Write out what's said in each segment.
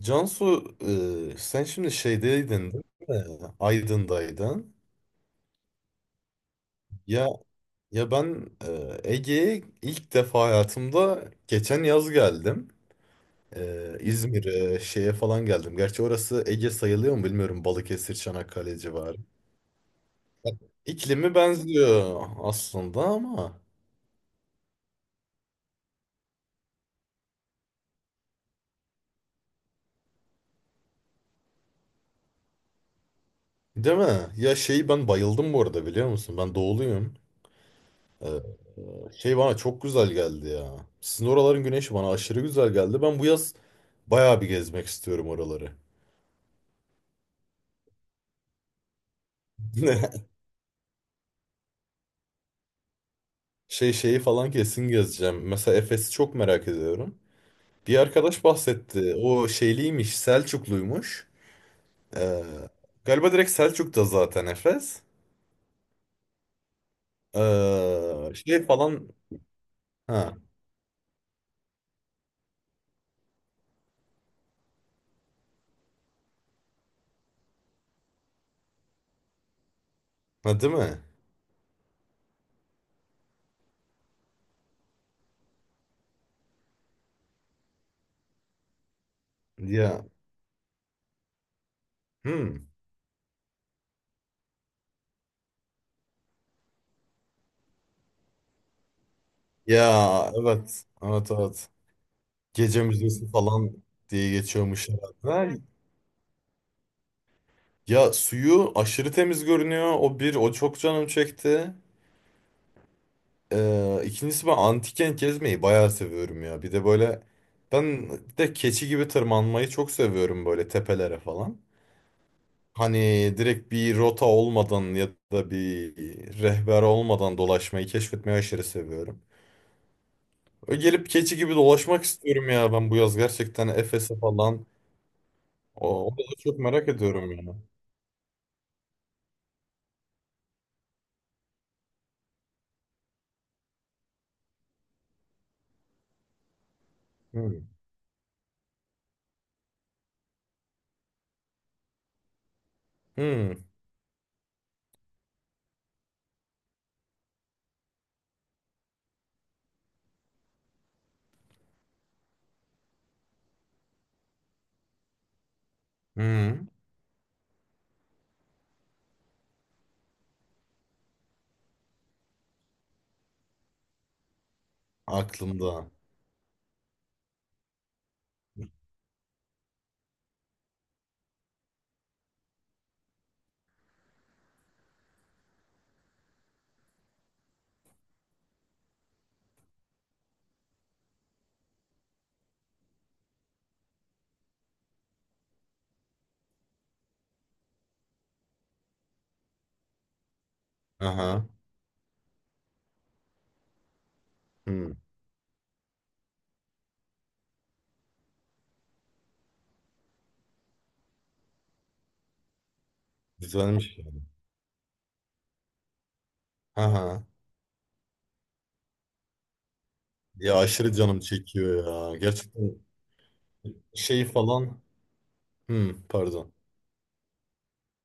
Cansu, sen şimdi şeydeydin, değil mi? Aydın'daydın. Ya ya ben Ege'ye ilk defa hayatımda geçen yaz geldim. İzmir'e, şeye falan geldim. Gerçi orası Ege sayılıyor mu bilmiyorum. Balıkesir, Çanakkale civarı. İklimi benziyor aslında ama değil mi? Ya şeyi ben bayıldım bu arada biliyor musun? Ben doğuluyum. E, şey bana çok güzel geldi ya. Sizin oraların güneşi bana aşırı güzel geldi. Ben bu yaz bayağı bir gezmek istiyorum oraları. Şey şeyi falan kesin gezeceğim. Mesela Efes'i çok merak ediyorum. Bir arkadaş bahsetti. O şeyliymiş, Selçukluymuş. Ee, galiba direkt Selçuk'ta zaten Efes. Şey falan... Ha, ha değil mi? Ya, hmm. Ya evet, evet evet. Gece müzesi falan diye geçiyormuş herhalde. Ya suyu aşırı temiz görünüyor. O çok canım çekti. İkincisi ben antiken gezmeyi bayağı seviyorum ya. Bir de böyle ben de keçi gibi tırmanmayı çok seviyorum böyle tepelere falan. Hani direkt bir rota olmadan ya da bir rehber olmadan dolaşmayı keşfetmeyi aşırı seviyorum. Öyle gelip keçi gibi dolaşmak istiyorum ya ben bu yaz gerçekten Efes'e falan. O, o da çok merak ediyorum yani. Hmm. Hmm. Hmm. Aklımda. Aha. Hmm. Güzelmiş yani. Aha. Ya aşırı canım çekiyor ya. Gerçekten şey falan. Hmm, pardon.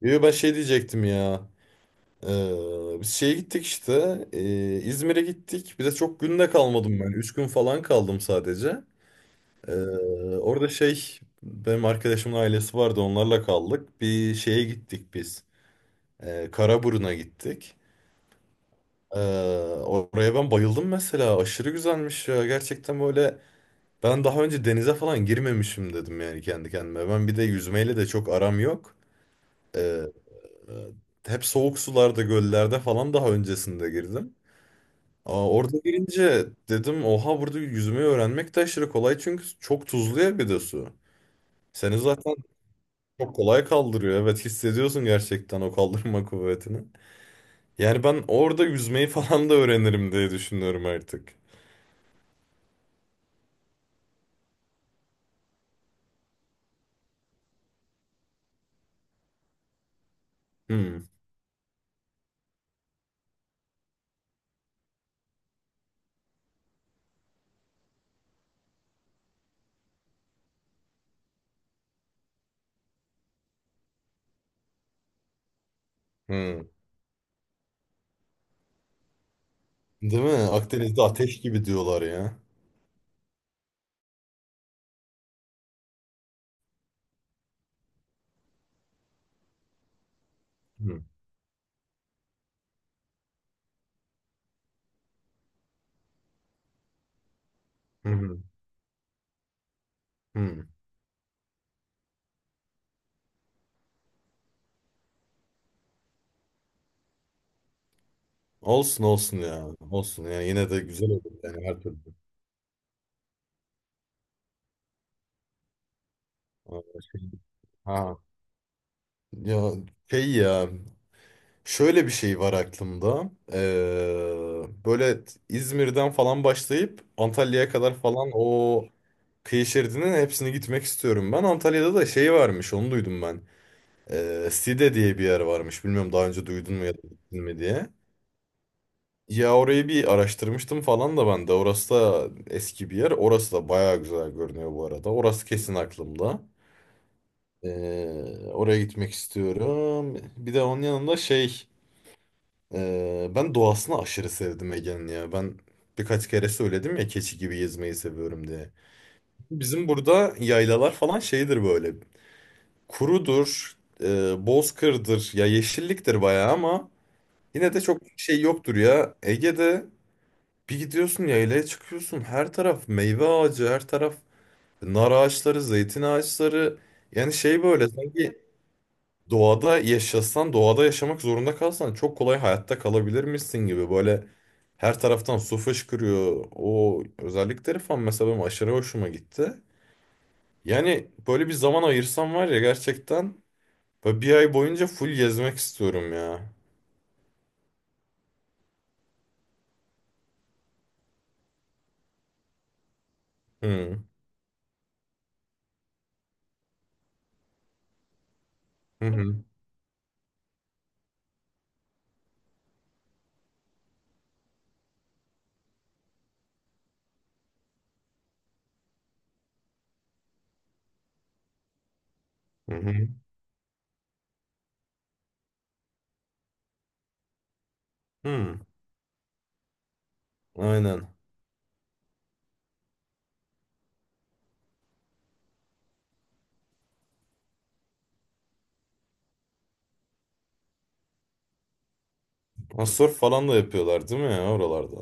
Yo, ben şey diyecektim ya. Biz şeye gittik işte. İzmir'e gittik. Bir de çok günde kalmadım ben. Üç gün falan kaldım sadece. Ee, orada şey benim arkadaşımın ailesi vardı. Onlarla kaldık. Bir şeye gittik biz. Karaburun'a gittik. Ee, oraya ben bayıldım mesela. Aşırı güzelmiş ya. Gerçekten böyle ben daha önce denize falan girmemişim dedim yani kendi kendime. Ben bir de yüzmeyle de çok aram yok. Ee, e, hep soğuk sularda, göllerde falan daha öncesinde girdim. Aa, orada girince dedim oha burada yüzmeyi öğrenmek de aşırı kolay çünkü çok tuzlu ya bir de su. Seni zaten çok kolay kaldırıyor. Evet hissediyorsun gerçekten o kaldırma kuvvetini. Yani ben orada yüzmeyi falan da öğrenirim diye düşünüyorum artık. Hmm. Hmm. Değil mi? Akdeniz'de ateş gibi diyorlar ya. Hmm. Hmm. Hmm. Olsun olsun ya. Olsun ya. Yine de güzel olur yani her türlü. Aa, şey- Ha. Ya şey ya şöyle bir şey var aklımda. Böyle İzmir'den falan başlayıp Antalya'ya kadar falan o kıyı şeridinin hepsini gitmek istiyorum ben. Antalya'da da şey varmış onu duydum ben. Side diye bir yer varmış. Bilmiyorum daha önce duydun mu ya da gittin mi diye. Ya orayı bir araştırmıştım falan da ben de. Orası da eski bir yer. Orası da bayağı güzel görünüyor bu arada. Orası kesin aklımda. Oraya gitmek istiyorum. Bir de onun yanında şey ben doğasını aşırı sevdim Ege'nin ya. Ben birkaç kere söyledim ya keçi gibi gezmeyi seviyorum diye. Bizim burada yaylalar falan şeydir böyle. Kurudur, bozkırdır, ya yeşilliktir bayağı ama yine de çok şey yoktur ya. Ege'de bir gidiyorsun yaylaya çıkıyorsun her taraf meyve ağacı, her taraf nar ağaçları, zeytin ağaçları. Yani şey böyle sanki doğada yaşasan, doğada yaşamak zorunda kalsan çok kolay hayatta kalabilir misin gibi böyle her taraftan su fışkırıyor. O özellikleri falan mesela benim aşırı hoşuma gitti. Yani böyle bir zaman ayırsam var ya gerçekten böyle bir ay boyunca full gezmek istiyorum ya. Hı hı hı hı hı. Hı. Aynen. Ha, surf falan da yapıyorlar değil mi ya oralarda?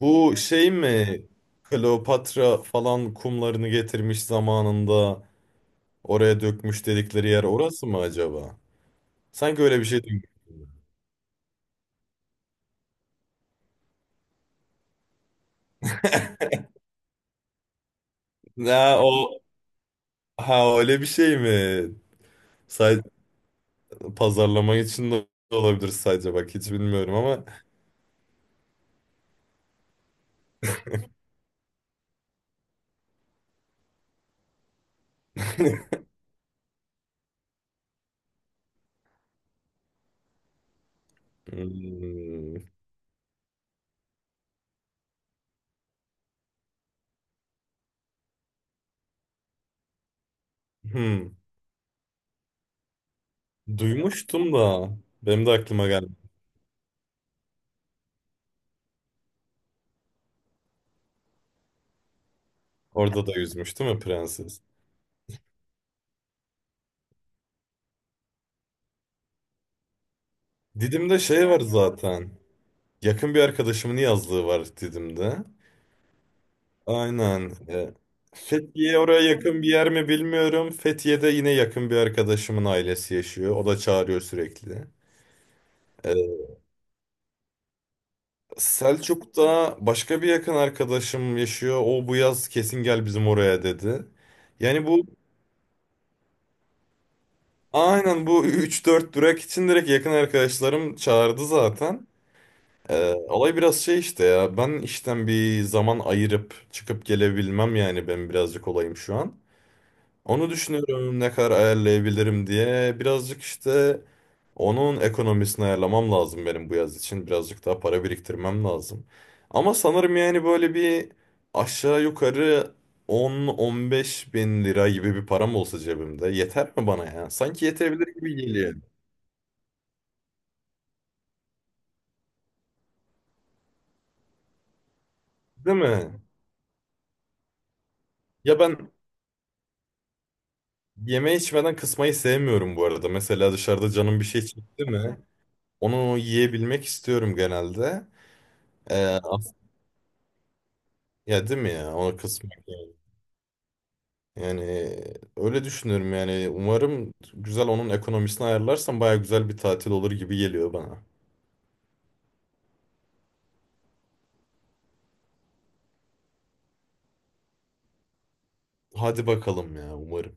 Bu şey mi? Kleopatra falan kumlarını getirmiş zamanında. Oraya dökmüş dedikleri yer orası mı acaba? Sanki öyle bir şey duymuştum. Ha o ha öyle bir şey mi? Say pazarlama için de olabilir sadece bak hiç bilmiyorum ama Hmm. Hmm. Duymuştum da benim de aklıma geldi. Orada da yüzmüş değil mi prenses? Didim'de şey var zaten. Yakın bir arkadaşımın yazlığı var Didim'de. Aynen. Fethiye oraya yakın bir yer mi bilmiyorum. Fethiye'de yine yakın bir arkadaşımın ailesi yaşıyor. O da çağırıyor sürekli. E, Selçuk'ta başka bir yakın arkadaşım yaşıyor. O bu yaz kesin gel bizim oraya dedi. Yani bu aynen bu üç dört durak için direkt yakın arkadaşlarım çağırdı zaten. Olay biraz şey işte ya ben işten bir zaman ayırıp çıkıp gelebilmem yani ben birazcık olayım şu an. Onu düşünüyorum ne kadar ayarlayabilirim diye. Birazcık işte onun ekonomisini ayarlamam lazım benim bu yaz için. Birazcık daha para biriktirmem lazım. Ama sanırım yani böyle bir aşağı yukarı 10-15 bin lira gibi bir param olsa cebimde yeter mi bana ya? Sanki yetebilir gibi geliyor. Değil mi? Ya ben yeme içmeden kısmayı sevmiyorum bu arada. Mesela dışarıda canım bir şey çekti mi? Onu yiyebilmek istiyorum genelde. Ee, as- ya değil mi ya? Onu kısmak. Yani öyle düşünüyorum yani. Umarım güzel onun ekonomisini ayarlarsam baya güzel bir tatil olur gibi geliyor bana. Hadi bakalım ya umarım.